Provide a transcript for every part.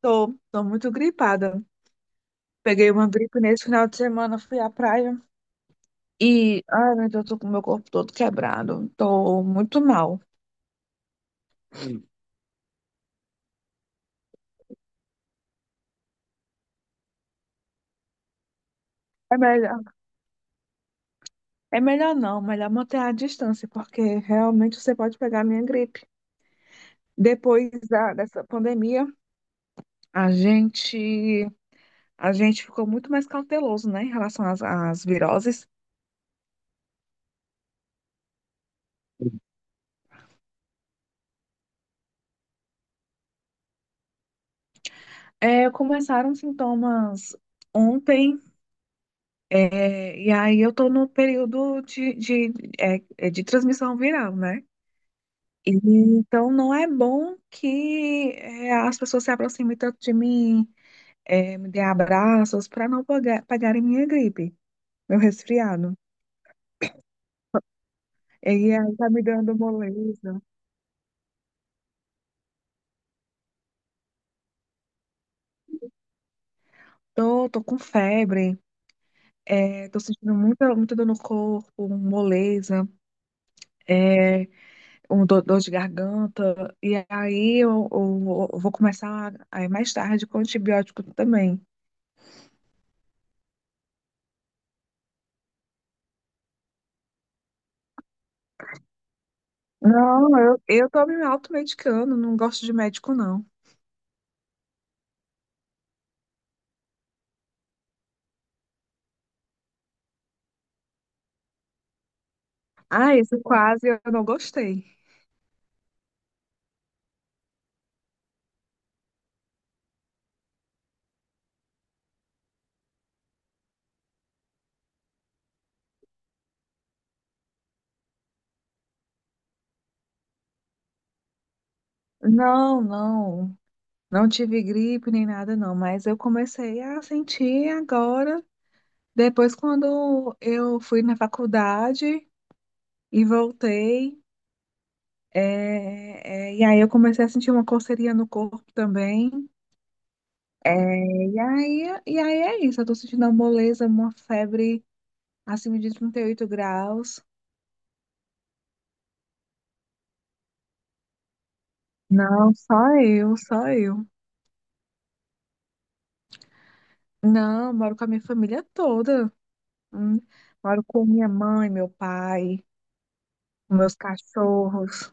Tô muito gripada. Peguei uma gripe nesse final de semana, fui à praia e, ai meu Deus, tô com o meu corpo todo quebrado. Tô muito mal. É melhor, é melhor não, melhor manter a distância, porque realmente você pode pegar a minha gripe. Dessa pandemia, a gente, a gente ficou muito mais cauteloso, né, em relação às viroses. É, começaram sintomas ontem. É, e aí eu estou no período de, é, é de transmissão viral, né? E então não é bom que as pessoas se aproximem tanto de mim, me dê abraços para não pagarem minha gripe, meu resfriado. E aí tá me dando moleza. Tô com febre, é, tô sentindo muita dor no corpo, moleza. É, um do- dor de garganta, e aí eu vou começar aí mais tarde com antibiótico também. Não, eu tô me automedicando, não gosto de médico, não. Ah, esse quase eu não gostei. Não, não, não tive gripe nem nada, não, mas eu comecei a sentir agora, depois quando eu fui na faculdade e voltei, e aí eu comecei a sentir uma coceirinha no corpo também. É, e aí é isso, eu tô sentindo uma moleza, uma febre acima de 38 graus. Não, só eu, só eu. Não, moro com a minha família toda. Hum. Moro com minha mãe, meu pai, meus cachorros.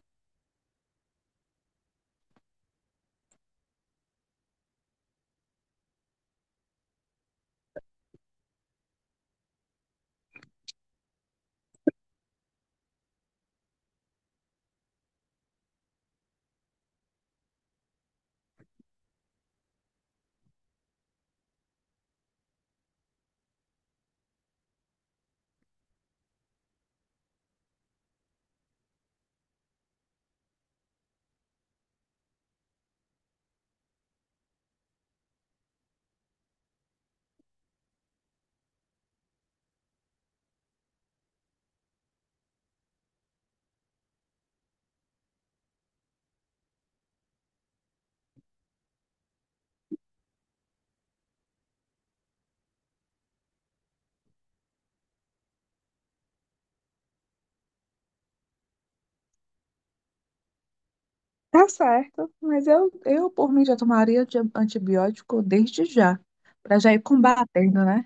Tá certo, mas eu por mim já tomaria antibiótico desde já, pra já ir combatendo, né?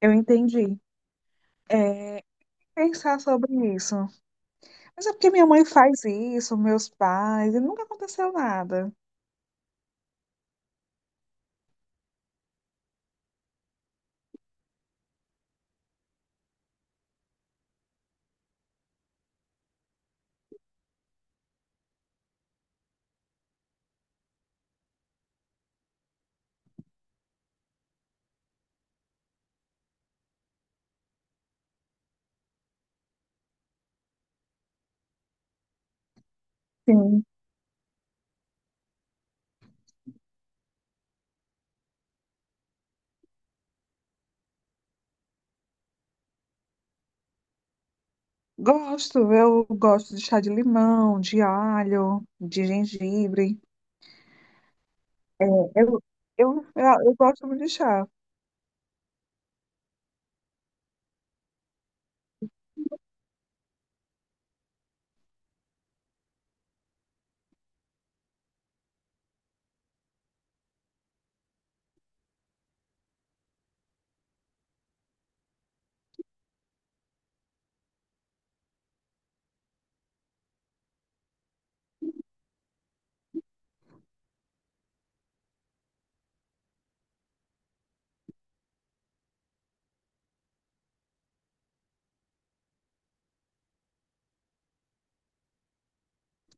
Eu entendi. É, pensar sobre isso. Mas é porque minha mãe faz isso, meus pais, e nunca aconteceu nada. Sim, gosto. Eu gosto de chá de limão, de alho, de gengibre. Eu, eu gosto muito de chá.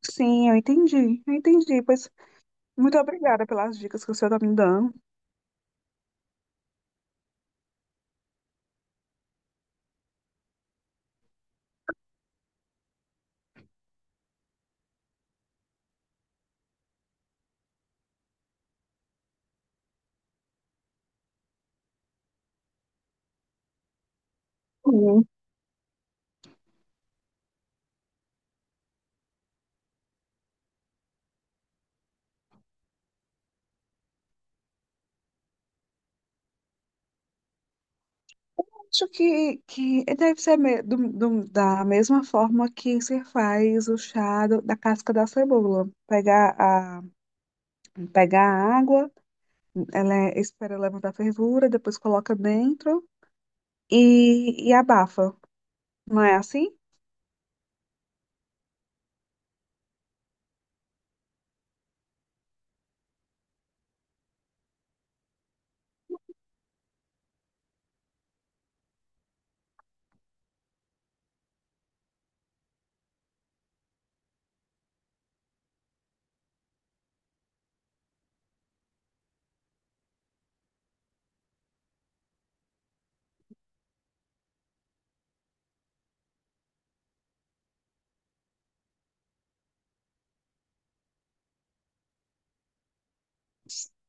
Sim, eu entendi, eu entendi. Pois muito obrigada pelas dicas que o senhor está me dando. Sim. Acho que deve ser da mesma forma que se faz o chá da casca da cebola. Pegar a água, espera levantar a fervura, depois coloca dentro e abafa. Não é assim?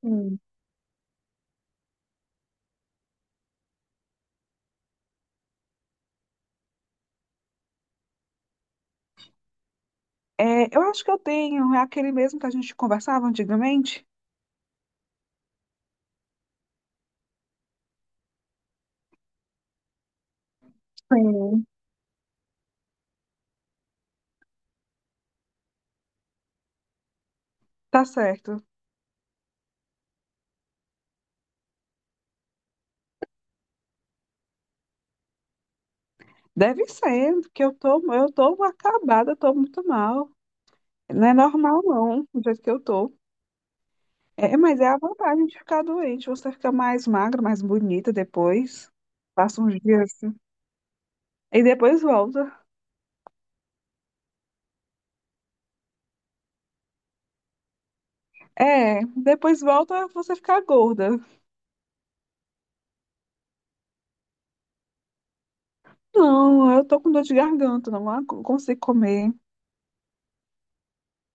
Sim. É, eu acho que eu tenho, é aquele mesmo que a gente conversava antigamente. Sim. Tá certo. Deve ser, que eu tô acabada, eu tô muito mal. Não é normal, não, do jeito que eu tô. É, mas é a vantagem de ficar doente. Você fica mais magra, mais bonita depois. Passa uns dias assim. E depois volta. É, depois volta você ficar gorda. Não, eu tô com dor de garganta, não consigo comer.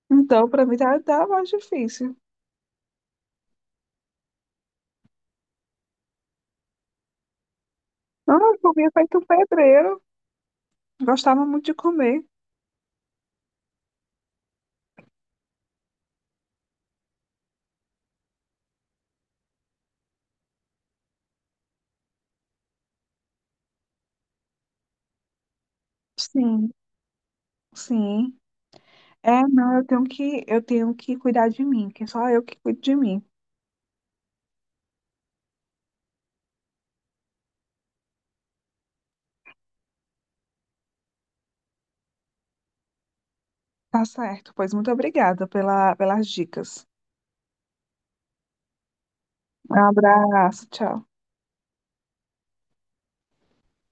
Então, pra mim tá mais difícil. Não, eu comia feito pedreiro. Gostava muito de comer. Sim, sim. É, não, eu tenho eu tenho que cuidar de mim, que é só eu que cuido de mim. Tá certo, pois muito obrigada pelas dicas. Um abraço, tchau.